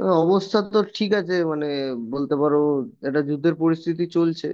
হ্যাঁ, অবস্থা তো ঠিক আছে, মানে বলতে পারো একটা যুদ্ধের পরিস্থিতি চলছে,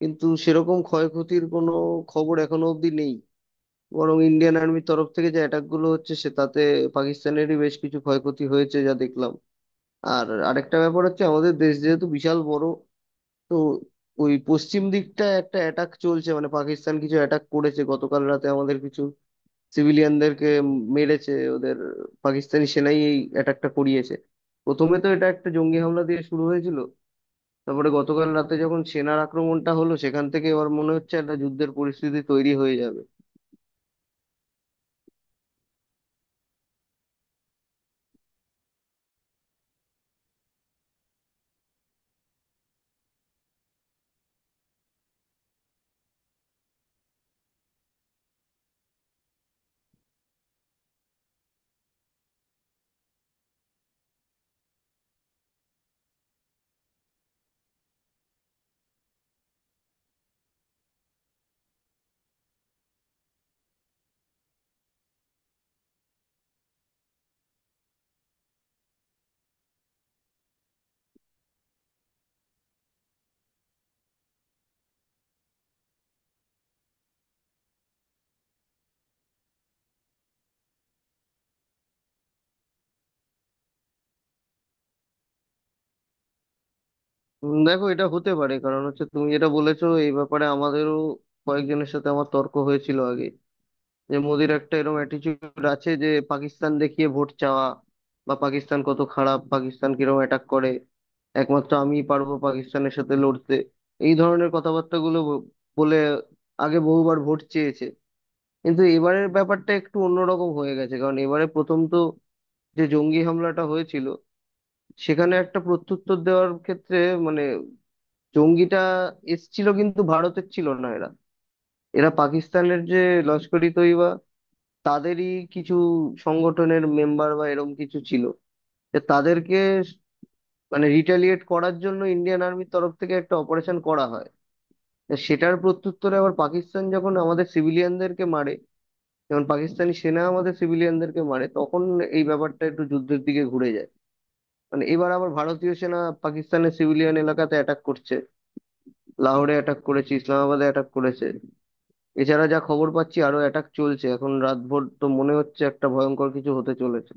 কিন্তু সেরকম ক্ষয়ক্ষতির কোনো খবর এখনো অবধি নেই। বরং ইন্ডিয়ান আর্মির তরফ থেকে যে অ্যাটাক গুলো হচ্ছে সে তাতে পাকিস্তানেরই বেশ কিছু ক্ষয়ক্ষতি হয়েছে যা দেখলাম। আর আরেকটা ব্যাপার হচ্ছে, আমাদের দেশ যেহেতু বিশাল বড়, তো ওই পশ্চিম দিকটা একটা অ্যাটাক চলছে, মানে পাকিস্তান কিছু অ্যাটাক করেছে গতকাল রাতে, আমাদের কিছু সিভিলিয়ানদেরকে মেরেছে। ওদের পাকিস্তানি সেনাই এই অ্যাটাকটা করিয়েছে। প্রথমে তো এটা একটা জঙ্গি হামলা দিয়ে শুরু হয়েছিল, তারপরে গতকাল রাতে যখন সেনার আক্রমণটা হলো, সেখান থেকে এবার মনে হচ্ছে একটা যুদ্ধের পরিস্থিতি তৈরি হয়ে যাবে। দেখো, এটা হতে পারে। কারণ হচ্ছে, তুমি যেটা বলেছো এই ব্যাপারে আমাদেরও কয়েকজনের সাথে আমার তর্ক হয়েছিল আগে, যে মোদির একটা এরকম অ্যাটিচিউড আছে যে পাকিস্তান দেখিয়ে ভোট চাওয়া, বা পাকিস্তান কত খারাপ, পাকিস্তান কিরকম অ্যাটাক করে, একমাত্র আমিই পারবো পাকিস্তানের সাথে লড়তে, এই ধরনের কথাবার্তাগুলো বলে আগে বহুবার ভোট চেয়েছে। কিন্তু এবারের ব্যাপারটা একটু অন্যরকম হয়ে গেছে, কারণ এবারে প্রথম তো যে জঙ্গি হামলাটা হয়েছিল, সেখানে একটা প্রত্যুত্তর দেওয়ার ক্ষেত্রে, মানে জঙ্গিটা এসছিল কিন্তু ভারতের ছিল না, এরা এরা পাকিস্তানের যে লস্কর ই তৈবা, তাদেরই কিছু সংগঠনের মেম্বার বা এরম কিছু ছিল। যে তাদেরকে, মানে রিটালিয়েট করার জন্য ইন্ডিয়ান আর্মির তরফ থেকে একটা অপারেশন করা হয়। তা সেটার প্রত্যুত্তরে আবার পাকিস্তান যখন আমাদের সিভিলিয়ানদেরকে মারে, যখন পাকিস্তানি সেনা আমাদের সিভিলিয়ানদেরকে মারে, তখন এই ব্যাপারটা একটু যুদ্ধের দিকে ঘুরে যায়। মানে এবার আবার ভারতীয় সেনা পাকিস্তানের সিভিলিয়ান এলাকাতে অ্যাটাক করছে, লাহোরে অ্যাটাক করেছে, ইসলামাবাদে অ্যাটাক করেছে। এছাড়া যা খবর পাচ্ছি আরো অ্যাটাক চলছে এখন, রাতভর তো মনে হচ্ছে একটা ভয়ঙ্কর কিছু হতে চলেছে।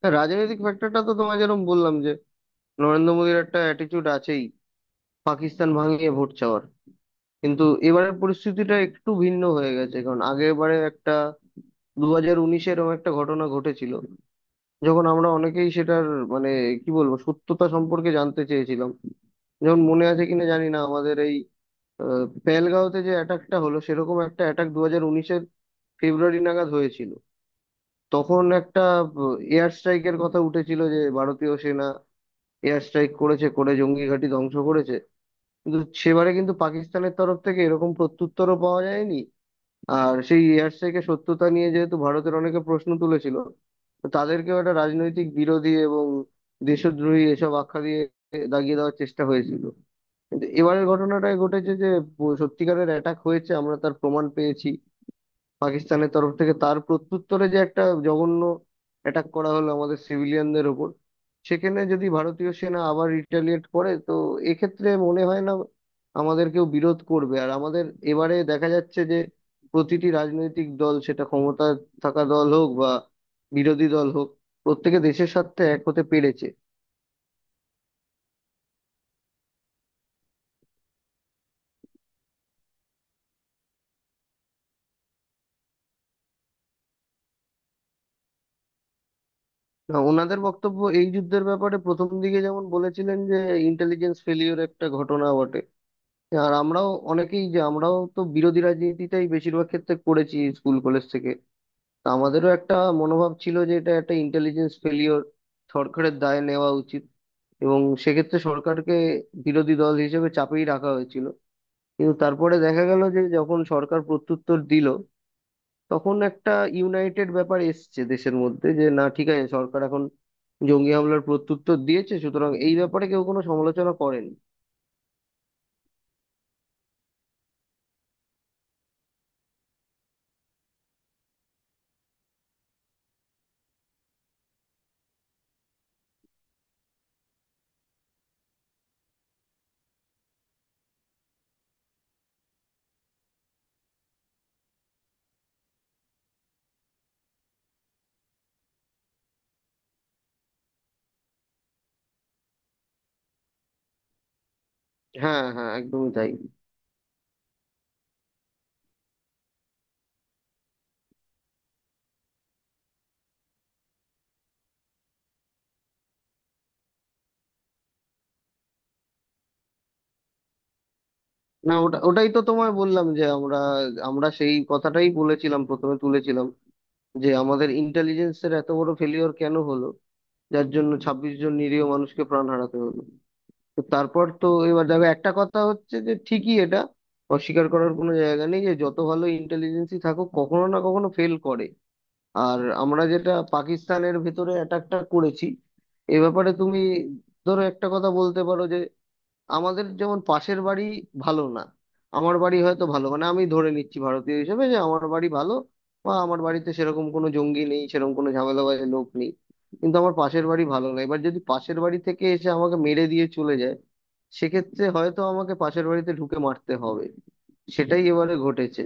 হ্যাঁ, রাজনৈতিক ফ্যাক্টরটা তো তোমায় যেরকম বললাম, যে নরেন্দ্র মোদীর একটা অ্যাটিটিউড আছেই পাকিস্তান ভাঙিয়ে ভোট চাওয়ার। কিন্তু এবারের পরিস্থিতিটা একটু ভিন্ন হয়ে গেছে, কারণ আগেরবারে একটা, 2019-এ এরকম একটা ঘটনা ঘটেছিল, যখন আমরা অনেকেই সেটার, মানে কি বলবো, সত্যতা সম্পর্কে জানতে চেয়েছিলাম। যেমন মনে আছে কিনা জানি না আমাদের এই পেহেলগাঁওতে যে অ্যাটাকটা হলো, সেরকম একটা অ্যাটাক 2019-এর ফেব্রুয়ারি নাগাদ হয়েছিল। তখন একটা এয়ার স্ট্রাইকের কথা উঠেছিল যে ভারতীয় সেনা এয়ার স্ট্রাইক করেছে, করে জঙ্গি ঘাঁটি ধ্বংস করেছে, কিন্তু সেবারে কিন্তু পাকিস্তানের তরফ থেকে এরকম প্রত্যুত্তরও পাওয়া যায়নি। আর সেই এয়ার স্ট্রাইকের সত্যতা নিয়ে যেহেতু ভারতের অনেকে প্রশ্ন তুলেছিল, তো তাদেরকেও একটা রাজনৈতিক বিরোধী এবং দেশদ্রোহী এসব আখ্যা দিয়ে দাগিয়ে দেওয়ার চেষ্টা হয়েছিল। কিন্তু এবারের ঘটনাটাই ঘটেছে যে সত্যিকারের অ্যাটাক হয়েছে, আমরা তার প্রমাণ পেয়েছি। পাকিস্তানের তরফ থেকে তার প্রত্যুত্তরে যে একটা জঘন্য অ্যাটাক করা হলো আমাদের সিভিলিয়ানদের ওপর, সেখানে যদি ভারতীয় সেনা আবার রিটালিয়েট করে তো এক্ষেত্রে মনে হয় না আমাদের কেউ বিরোধ করবে। আর আমাদের এবারে দেখা যাচ্ছে যে প্রতিটি রাজনৈতিক দল, সেটা ক্ষমতা থাকা দল হোক বা বিরোধী দল হোক, প্রত্যেকে দেশের স্বার্থে এক হতে পেরেছে। না, ওনাদের বক্তব্য এই যুদ্ধের ব্যাপারে প্রথম দিকে যেমন বলেছিলেন যে ইন্টেলিজেন্স ফেলিওর একটা ঘটনা বটে। আর আমরাও অনেকেই, যে আমরাও তো বিরোধী রাজনীতিটাই বেশিরভাগ ক্ষেত্রে করেছি স্কুল কলেজ থেকে, তা আমাদেরও একটা মনোভাব ছিল যে এটা একটা ইন্টেলিজেন্স ফেলিওর, সরকারের দায় নেওয়া উচিত, এবং সেক্ষেত্রে সরকারকে বিরোধী দল হিসেবে চাপেই রাখা হয়েছিল। কিন্তু তারপরে দেখা গেল যে যখন সরকার প্রত্যুত্তর দিল, তখন একটা ইউনাইটেড ব্যাপার এসছে দেশের মধ্যে, যে না ঠিক আছে সরকার এখন জঙ্গি হামলার প্রত্যুত্তর দিয়েছে, সুতরাং এই ব্যাপারে কেউ কোনো সমালোচনা করেন। হ্যাঁ হ্যাঁ, একদমই তাই। না, ওটা ওটাই তো তোমায় বললাম যে আমরা, আমরা সেই কথাটাই বলেছিলাম, প্রথমে তুলেছিলাম যে আমাদের ইন্টেলিজেন্সের এত বড় ফেলিওর কেন হলো, যার জন্য 26 জন নিরীহ মানুষকে প্রাণ হারাতে হলো। তো তারপর তো এবার দেখো, একটা কথা হচ্ছে যে ঠিকই, এটা অস্বীকার করার কোনো জায়গা নেই যে যত ভালো ইন্টেলিজেন্সই থাকুক কখনো না কখনো ফেল করে। আর আমরা যেটা পাকিস্তানের ভেতরে অ্যাটাকটা করেছি, এ ব্যাপারে তুমি ধরো একটা কথা বলতে পারো, আমাদের যেমন পাশের বাড়ি ভালো না, আমার বাড়ি হয়তো ভালো, মানে আমি ধরে নিচ্ছি ভারতীয় হিসেবে যে আমার বাড়ি ভালো বা আমার বাড়িতে সেরকম কোনো জঙ্গি নেই, সেরকম কোনো ঝামেলাবাজ লোক নেই, কিন্তু আমার পাশের বাড়ি ভালো না। এবার যদি পাশের বাড়ি থেকে এসে আমাকে মেরে দিয়ে চলে যায়, সেক্ষেত্রে হয়তো আমাকে পাশের বাড়িতে ঢুকে মারতে হবে। সেটাই এবারে ঘটেছে।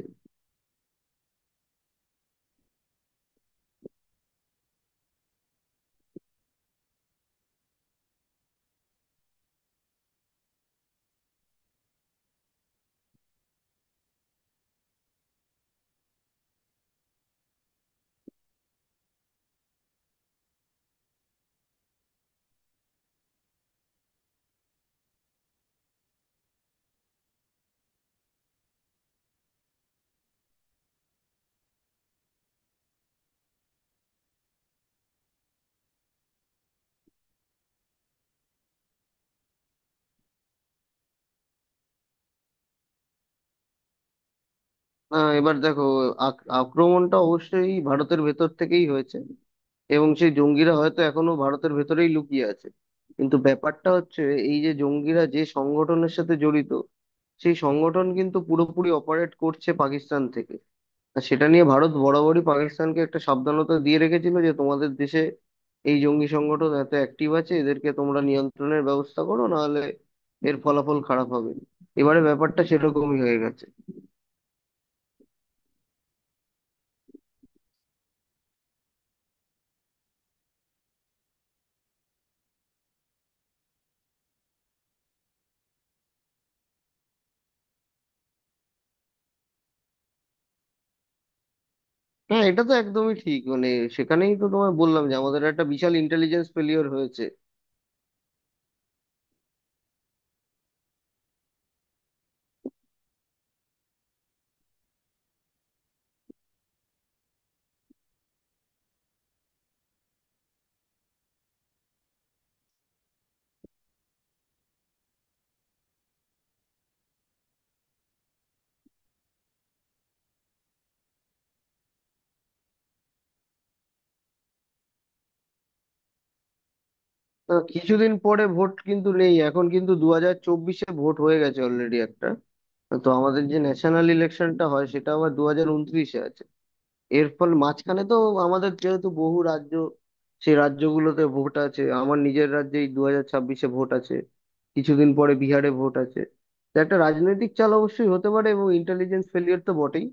না এবার দেখো, আক্রমণটা অবশ্যই ভারতের ভেতর থেকেই হয়েছে, এবং সেই জঙ্গিরা হয়তো এখনো ভারতের ভেতরেই লুকিয়ে আছে। কিন্তু ব্যাপারটা হচ্ছে, এই যে জঙ্গিরা যে সংগঠনের সাথে জড়িত, সেই সংগঠন কিন্তু পুরোপুরি অপারেট করছে পাকিস্তান থেকে। আর সেটা নিয়ে ভারত বরাবরই পাকিস্তানকে একটা সাবধানতা দিয়ে রেখেছিল যে তোমাদের দেশে এই জঙ্গি সংগঠন এত অ্যাক্টিভ আছে, এদেরকে তোমরা নিয়ন্ত্রণের ব্যবস্থা করো, নাহলে এর ফলাফল খারাপ হবে। এবারে ব্যাপারটা সেরকমই হয়ে গেছে। না এটা তো একদমই ঠিক, মানে সেখানেই তো তোমায় বললাম যে আমাদের একটা বিশাল ইন্টেলিজেন্স ফেলিওর হয়েছে। কিছুদিন পরে ভোট কিন্তু নেই এখন, কিন্তু 2024-এ ভোট হয়ে গেছে অলরেডি একটা। তো আমাদের যে ন্যাশনাল ইলেকশনটা হয় সেটা আবার 2029-এ আছে। এর ফলে মাঝখানে তো আমাদের যেহেতু বহু রাজ্য, সেই রাজ্যগুলোতে ভোট আছে, আমার নিজের রাজ্যেই 2026-এ ভোট আছে, কিছুদিন পরে বিহারে ভোট আছে। তো একটা রাজনৈতিক চাল অবশ্যই হতে পারে, এবং ইন্টেলিজেন্স ফেলিয়ার তো বটেই।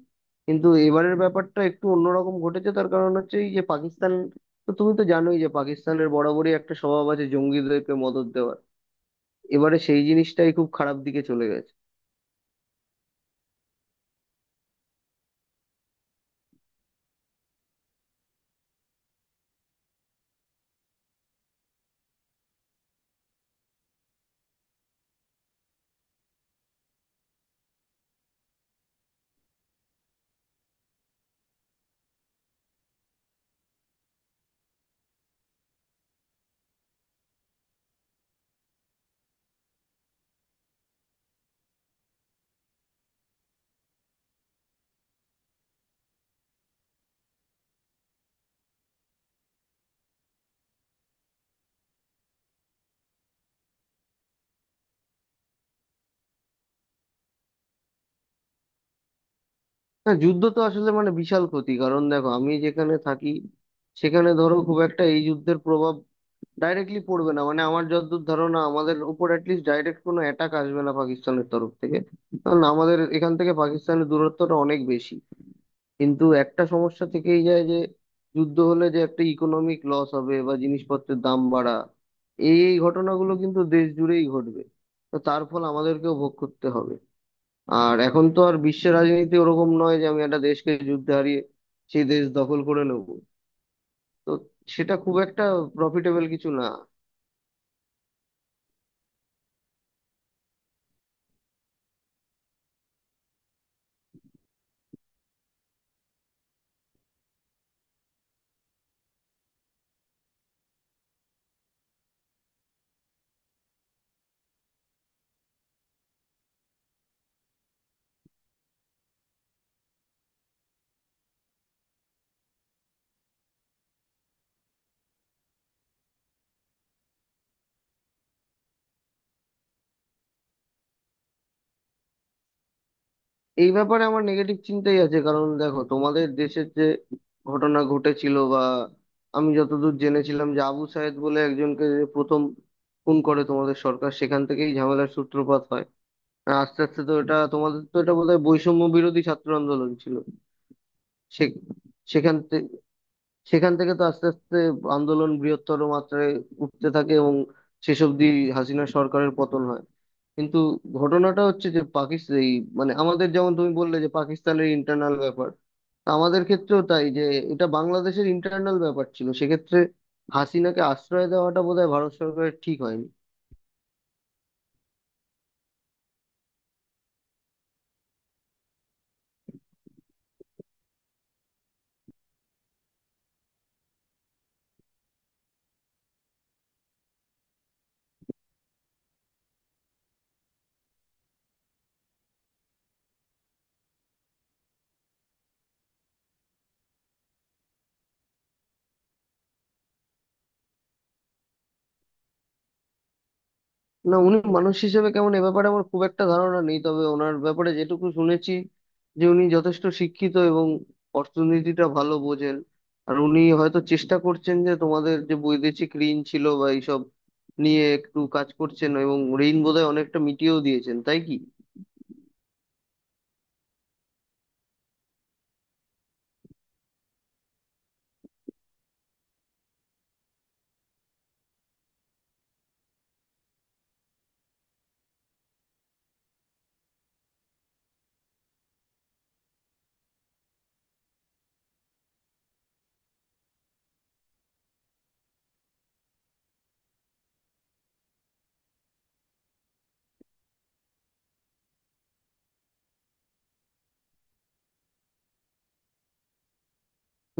কিন্তু এবারের ব্যাপারটা একটু অন্যরকম ঘটেছে, তার কারণ হচ্ছে এই যে পাকিস্তান, তো তুমি তো জানোই যে পাকিস্তানের বরাবরই একটা স্বভাব আছে জঙ্গিদেরকে মদদ দেওয়ার। এবারে সেই জিনিসটাই খুব খারাপ দিকে চলে গেছে। না যুদ্ধ তো আসলে মানে বিশাল ক্ষতি, কারণ দেখো আমি যেখানে থাকি সেখানে ধরো খুব একটা এই যুদ্ধের প্রভাব ডাইরেক্টলি পড়বে না, মানে আমার যতদূর ধারণা আমাদের উপর অ্যাটলিস্ট ডাইরেক্ট কোনো অ্যাটাক আসবে না পাকিস্তানের তরফ থেকে, কারণ আমাদের এখান থেকে পাকিস্তানের দূরত্বটা অনেক বেশি। কিন্তু একটা সমস্যা থেকেই যায় যে যুদ্ধ হলে যে একটা ইকোনমিক লস হবে বা জিনিসপত্রের দাম বাড়া, এই এই ঘটনাগুলো কিন্তু দেশ জুড়েই ঘটবে, তো তার ফল আমাদেরকেও ভোগ করতে হবে। আর এখন তো আর বিশ্বের রাজনীতি ওরকম নয় যে আমি একটা দেশকে যুদ্ধে হারিয়ে সেই দেশ দখল করে নেব, তো সেটা খুব একটা প্রফিটেবল কিছু না। এই ব্যাপারে আমার নেগেটিভ চিন্তাই আছে, কারণ দেখো তোমাদের দেশের যে ঘটনা ঘটেছিল, বা আমি যতদূর জেনেছিলাম যে আবু সায়েদ বলে একজনকে যে প্রথম খুন করে তোমাদের সরকার, সেখান থেকেই ঝামেলার সূত্রপাত হয়। আর আস্তে আস্তে তো এটা তোমাদের, তো এটা বোধহয় বৈষম্য বিরোধী ছাত্র আন্দোলন ছিল। সে- সেখান থেকে সেখান থেকে তো আস্তে আস্তে আন্দোলন বৃহত্তর মাত্রায় উঠতে থাকে এবং শেষ অবধি হাসিনা সরকারের পতন হয়। কিন্তু ঘটনাটা হচ্ছে যে পাকিস্তান এই, মানে আমাদের যেমন তুমি বললে যে পাকিস্তানের ইন্টারনাল ব্যাপার, তা আমাদের ক্ষেত্রেও তাই যে এটা বাংলাদেশের ইন্টারনাল ব্যাপার ছিল, সেক্ষেত্রে হাসিনাকে আশ্রয় দেওয়াটা বোধহয় ভারত সরকারের ঠিক হয়নি। না উনি মানুষ হিসেবে কেমন এ ব্যাপারে আমার খুব একটা ধারণা নেই, তবে ওনার ব্যাপারে যেটুকু শুনেছি যে উনি যথেষ্ট শিক্ষিত এবং অর্থনীতিটা ভালো বোঝেন। আর উনি হয়তো চেষ্টা করছেন যে তোমাদের যে বৈদেশিক ঋণ ছিল বা এইসব নিয়ে একটু কাজ করছেন, এবং ঋণ বোধহয় অনেকটা মিটিয়েও দিয়েছেন তাই কি?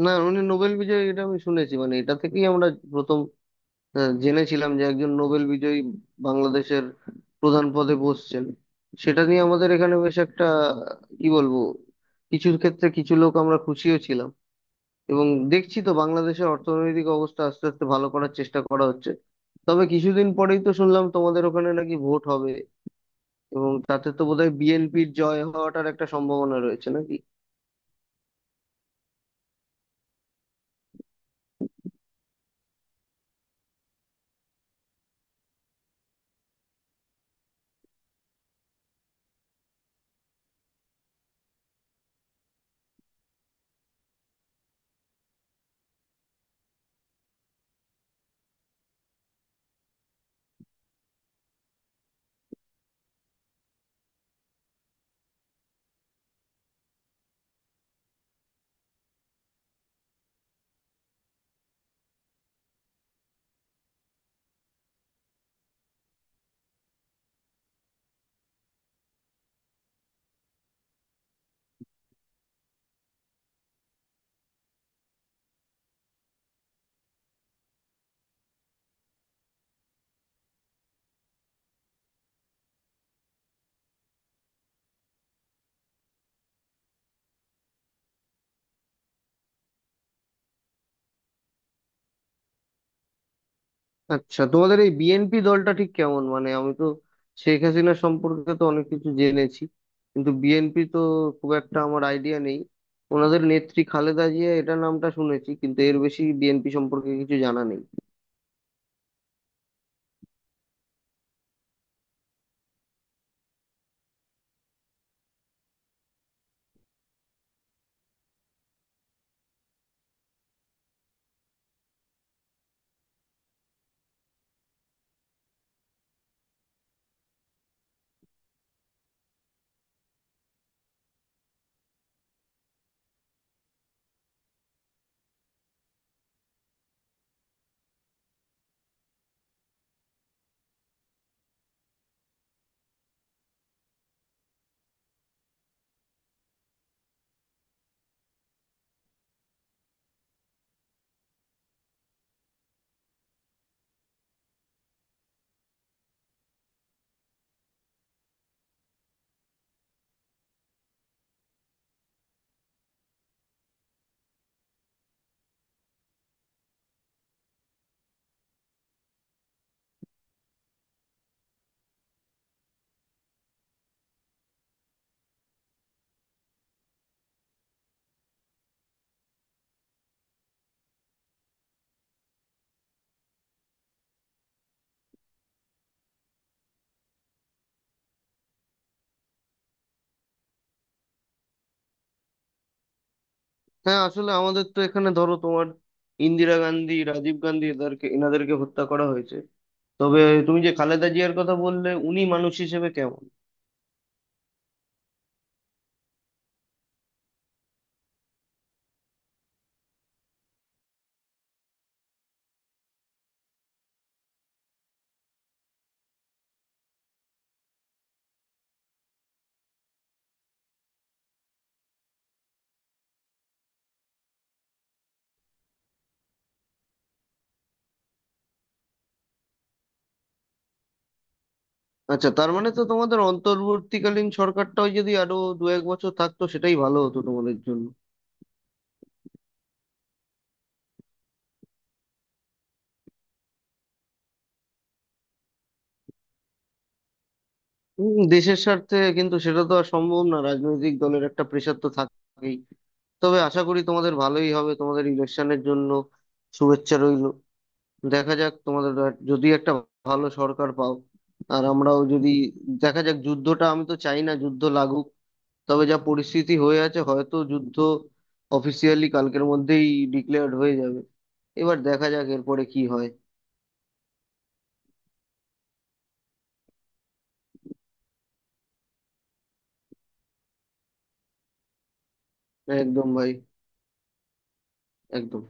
না উনি নোবেল বিজয়ী, এটা আমি শুনেছি, মানে এটা থেকেই আমরা জেনেছিলাম যে একজন নোবেল বিজয়ী বাংলাদেশের প্রধান পদে বসছেন। সেটা নিয়ে আমাদের এখানে বেশ একটা, কি বলবো, কিছু ক্ষেত্রে কিছু লোক আমরা খুশিও ছিলাম। এবং দেখছি তো বাংলাদেশের অর্থনৈতিক অবস্থা আস্তে আস্তে ভালো করার চেষ্টা করা হচ্ছে। তবে কিছুদিন পরেই তো শুনলাম তোমাদের ওখানে নাকি ভোট হবে, এবং তাতে তো বোধহয় বিএনপির জয় হওয়াটার একটা সম্ভাবনা রয়েছে নাকি? আচ্ছা তোমাদের এই বিএনপি দলটা ঠিক কেমন? মানে আমি তো শেখ হাসিনা সম্পর্কে তো অনেক কিছু জেনেছি, কিন্তু বিএনপি তো খুব একটা আমার আইডিয়া নেই। ওনাদের নেত্রী খালেদা জিয়া, এটা নামটা শুনেছি, কিন্তু এর বেশি বিএনপি সম্পর্কে কিছু জানা নেই। হ্যাঁ আসলে আমাদের তো এখানে ধরো তোমার ইন্দিরা গান্ধী, রাজীব গান্ধী, এদেরকে এনাদেরকে হত্যা করা হয়েছে। তবে তুমি যে খালেদা জিয়ার কথা বললে, উনি মানুষ হিসেবে কেমন? আচ্ছা তার মানে তো তোমাদের অন্তর্বর্তীকালীন সরকারটাও যদি আরো দু এক বছর থাকতো সেটাই ভালো হতো তোমাদের জন্য। দেশের স্বার্থে, কিন্তু সেটা তো আর সম্ভব না, রাজনৈতিক দলের একটা প্রেশার তো থাকেই। তবে আশা করি তোমাদের ভালোই হবে। তোমাদের ইলেকশনের জন্য শুভেচ্ছা রইল। দেখা যাক তোমাদের যদি একটা ভালো সরকার পাও। আর আমরাও যদি, দেখা যাক যুদ্ধটা, আমি তো চাই না যুদ্ধ লাগুক, তবে যা পরিস্থিতি হয়ে আছে হয়তো যুদ্ধ অফিসিয়ালি কালকের মধ্যেই ডিক্লেয়ার্ড হয়ে যাবে। এবার দেখা যাক এরপরে কি হয়। একদম ভাই, একদম।